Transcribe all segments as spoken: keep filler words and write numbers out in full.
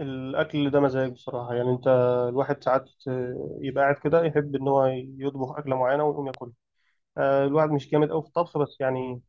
الأكل ده مزاج بصراحة. يعني أنت الواحد ساعات يبقى قاعد كده، يحب إن هو يطبخ أكلة معينة ويقوم ياكلها. آه، الواحد مش جامد أوي في الطبخ، بس يعني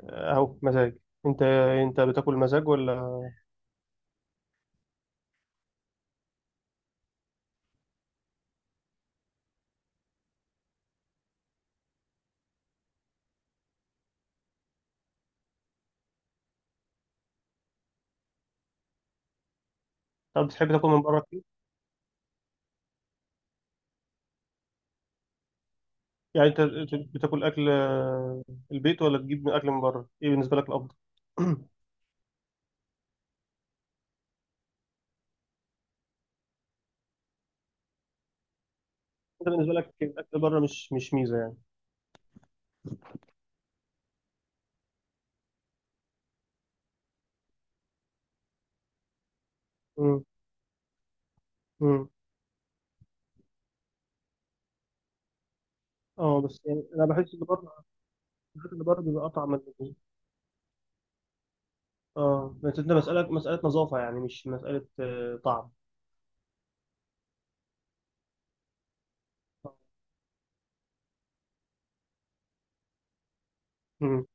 آه، أهو مزاج. أنت أنت بتاكل مزاج ولا طب بتحب تاكل من بره كتير؟ يعني أنت بتاكل أكل آه، البيت ولا تجيب من أكل من بره؟ إيه بالنسبة لك الأفضل؟ أنت بالنسبة لك الأكل بره مش مش ميزة يعني. مم. مم. اه، بس يعني انا بحس ان بره الأكل اللي بره بيبقى اطعم من البيت. اه بس انت مساله مساله نظافه، يعني مش مساله آه، طعم. مم.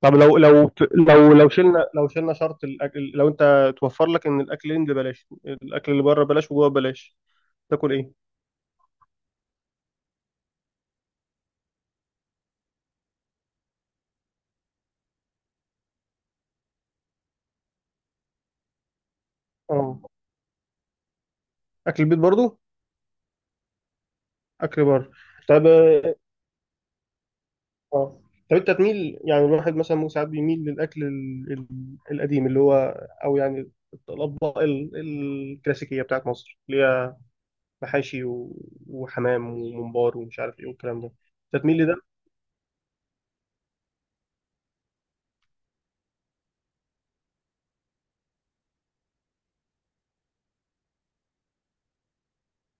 طب لو لو لو لو شلنا لو شلنا شرط الاكل، لو انت توفر لك ان الاكلين اللي بلاش، الاكل اللي بره بلاش، وجوه بلاش، تاكل ايه؟ اه، اكل البيت برضو، اكل بره. طب اه، طب انت تميل، يعني الواحد مثلا ممكن ساعات بيميل للاكل ال- ال- القديم اللي هو، او يعني الاطباق ال- الكلاسيكيه بتاعت مصر، اللي هي محاشي و- وحمام وممبار ومش عارف ايه والكلام ده. انت تميل لده؟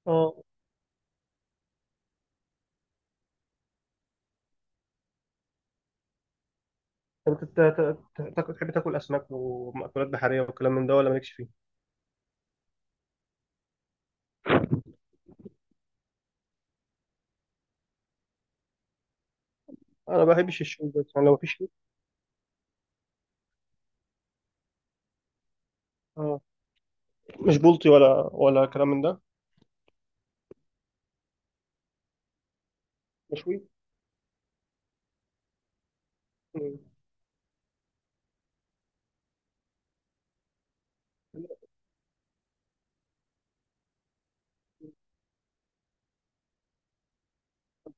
اه طب أنت تا- تا- تا- تحب تاكل اسماك ومأكولات بحريه والكلام من ده، ولا مالكش فيه؟ انا ما بحبش الشوي، بس يعني لو في شوي. اه مش بلطي ولا ولا كلام من ده؟ مشوي. مم.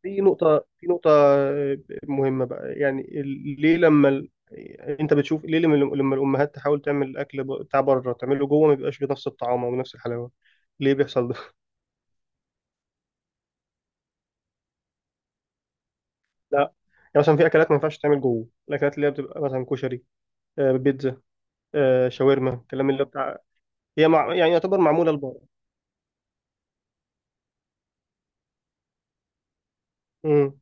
في نقطه في نقطه آه، مهمه بقى، يعني ال- ليه لما ال... انت بتشوف ليه لما لما الامهات تحاول تعمل الاكل ب- بتاع بره تعمله جوه ما بيبقاش بنفس الطعام او نفس الحلاوه؟ ليه بيحصل ده؟ لا، يعني مثلا في اكلات ما ينفعش تعمل جوه، الاكلات اللي هي بتبقى مثلا كشري، آه، بيتزا، آه، شاورما، الكلام اللي هو بتاع، هي مع... يعني يعتبر معموله لبره. مم.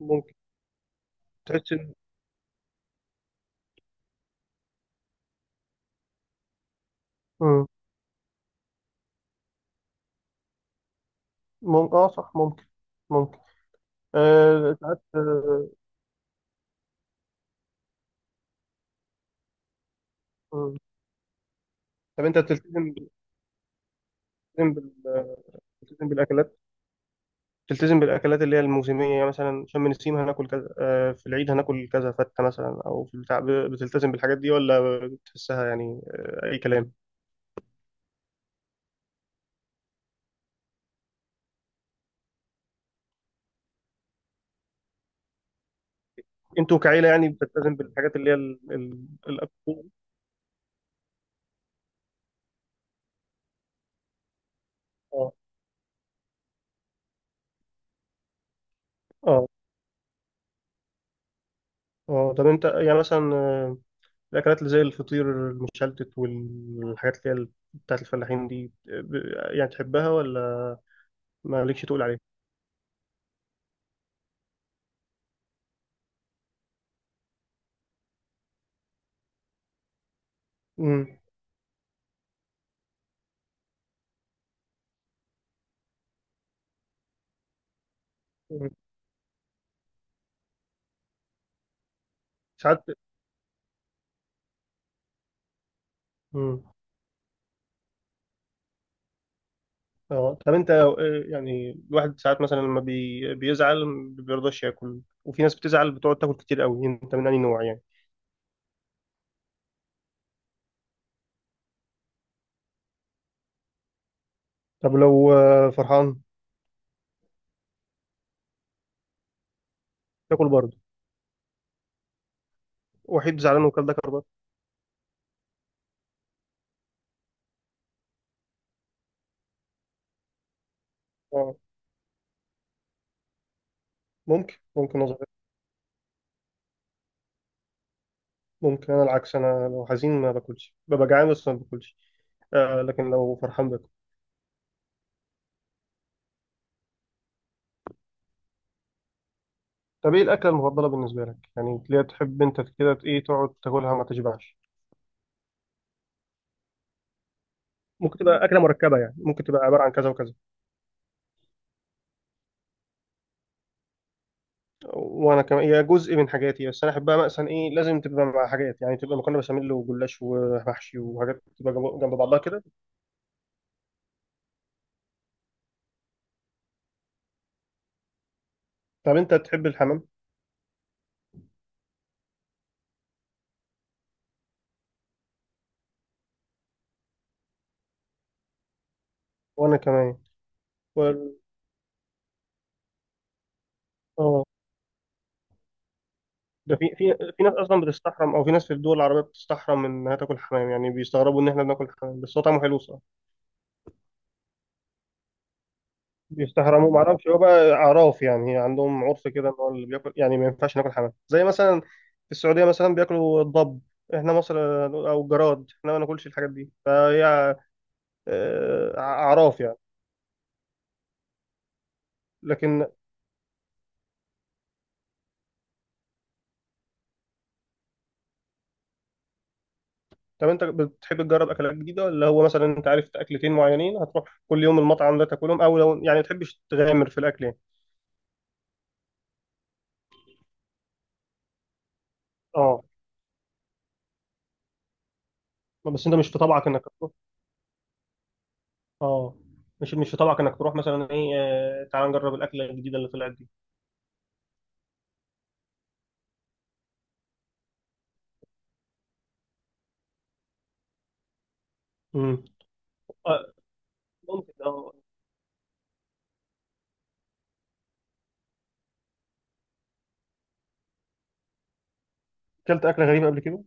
ممكن تحس ان، مم. ممكن، اه صح، ممكن، ممكن، آه، ساعات، آه، مم. طب انت بتلتزم، بتلتزم بال- بتلتزم بالاكلات بتلتزم بالاكلات اللي هي الموسميه، يعني مثلا شم النسيم هناكل كذا، آه، في العيد هناكل كذا، فته مثلا، او في البتاع ب- بتلتزم بالحاجات دي ولا بتحسها يعني آه، اي كلام؟ انتوا كعيله يعني بتلتزم بالحاجات اللي هي ال- ال- الأكل؟ اه، اه، اه طب انت يعني مثلا آه، الأكلات اللي زي الفطير المشلتت والحاجات اللي هي بتاعت الفلاحين دي، ب- يعني تحبها ولا مالكش تقول عليها؟ مم. مم. ساعات. مم. اه طب انت آه، يعني الواحد ساعات مثلا لما بي... بيزعل ما بيرضاش ياكل، وفي ناس بتزعل بتقعد تاكل كتير قوي، انت من أي نوع يعني؟ طب لو آه، فرحان تاكل برضه؟ وحيد زعلان وكل ده كربات؟ اه ممكن، ممكن نظر، ممكن. انا العكس، انا لو حزين ما باكلش، ببقى جعان بس ما باكلش، آه، لكن لو فرحان باكل. طب ايه الاكله المفضله بالنسبه لك، يعني اللي هي تحب انت كده، ايه تقعد تاكلها ما تشبعش؟ ممكن تبقى اكله مركبه، يعني ممكن تبقى عباره عن كذا وكذا. وانا كمان هي جزء من حاجاتي، بس انا احبها مثلا ايه، لازم تبقى مع حاجات، يعني تبقى مكرونه بشاميل وجلاش ومحشي، وحاجات تبقى جنب جنب بعضها كده. طب انت تحب الحمام؟ وانا كمان. وال- اه، ده في في في ناس اصلا بتستحرم، او في ناس في الدول العربيه بتستحرم انها تاكل حمام، يعني بيستغربوا ان احنا بناكل حمام، بس هو طعمه حلو. بيستحرموا ما اعرفش، هو بقى اعراف يعني، عندهم عرف كده ان هو اللي بياكل يعني ما ينفعش ناكل حمام، زي مثلا في السعوديه مثلا بياكلوا الضب، احنا مصر، او الجراد احنا ما ناكلش الحاجات دي، فهي آه، اعراف يعني. لكن طب انت بتحب تجرب اكلات جديده، ولا هو مثلا انت عارف اكلتين معينين هتروح كل يوم المطعم ده تاكلهم، او لو يعني ما تحبش تغامر في الاكل يعني؟ اه بس انت مش في طبعك انك تروح؟ اه مش مش في طبعك انك تروح مثلا ايه آه، تعال نجرب الاكله الجديده اللي طلعت دي؟ امم آه، ممكن. اه اكلت اكله غريبه قبل كده؟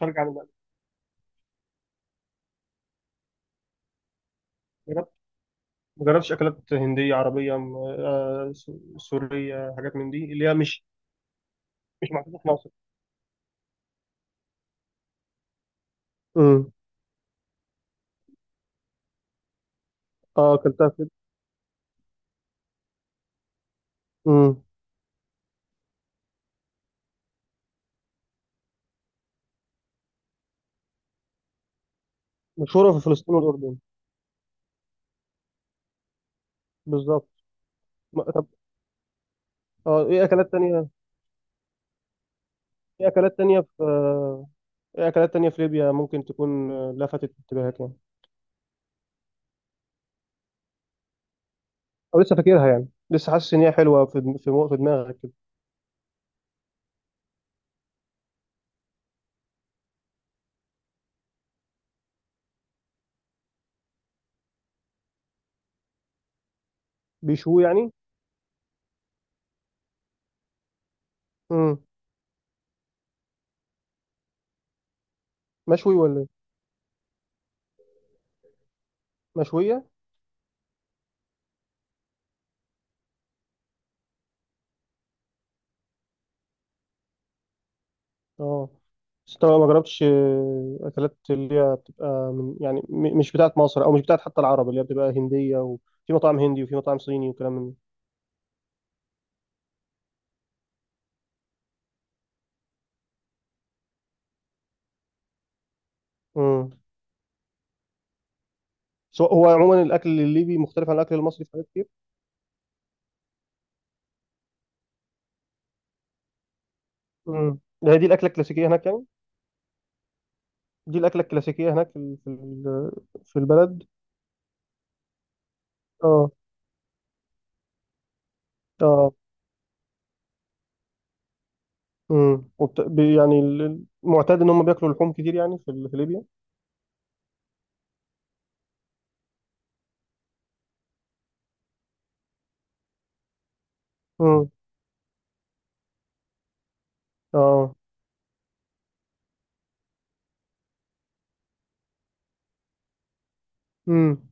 خارج عن المألوف؟ جربت، ما جربتش اكلات هنديه، عربيه، م- آه، سو- سوريه، حاجات من دي اللي هي مش مش محطوطه في مصر؟ امم اه اكلتها في. امم مشهوره في فلسطين والاردن. بالظبط. ما- طب اه ايه اكلات تانية؟ ايه اكلات تانية في آه، ايه اكلات تانية في ليبيا ممكن تكون آه، لفتت انتباهك يعني، او لسه فاكرها، يعني لسه حاسس ان هي حلوه في دم- في مو- في دماغك كده؟ بيشوي يعني؟ امم مشوي ولا إيه؟ مشويه؟ اه بس طبعا ما جربتش آه، اكلات اللي هي بتبقى من يعني م- مش بتاعت مصر او مش بتاعت حتى العرب، اللي هي بتبقى هنديه، وفي مطاعم هندي وفي مطاعم صيني وكلام من ده. امم سو- هو عموما الاكل الليبي مختلف عن الاكل المصري في حاجات كتير. امم ده هي دي الاكله الكلاسيكيه هناك يعني؟ دي الاكله الكلاسيكيه هناك في ال- في ال- في البلد؟ اه اه امم وبت... بي- يعني ال- المعتاد ان هم بياكلوا لحوم كتير، يعني في ال- في ليبيا. امم اه امم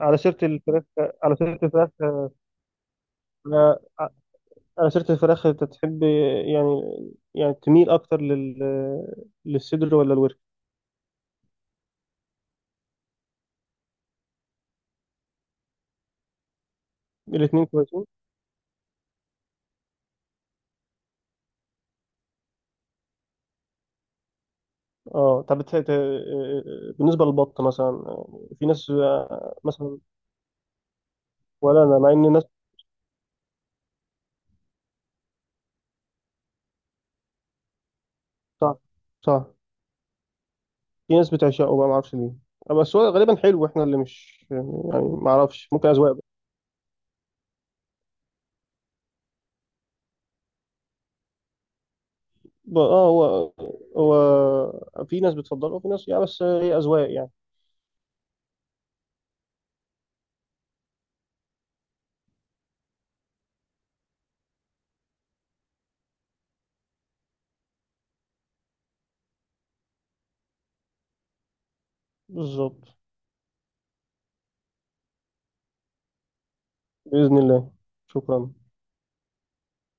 على سيره الفراخ، على سيره الفراخ، آه، على سيرة الفراخ أنت تحب يعني، يعني تميل أكتر لل... للصدر ولا الورك؟ الاتنين كويسين؟ أه طب بتح- ت... بالنسبة للبط مثلا، في ناس، مثلا، ولا أنا مع إن الناس. صح. صح. في ناس بتعشقه بقى معرفش ليه، آه، بس هو غالبا حلو، إحنا اللي مش يعني معرفش، ممكن أذواق بقى. ب- أه هو، هو في ناس بتفضله وفي ناس يعني، بس هي أذواق يعني. بالظبط. بإذن الله. شكرا.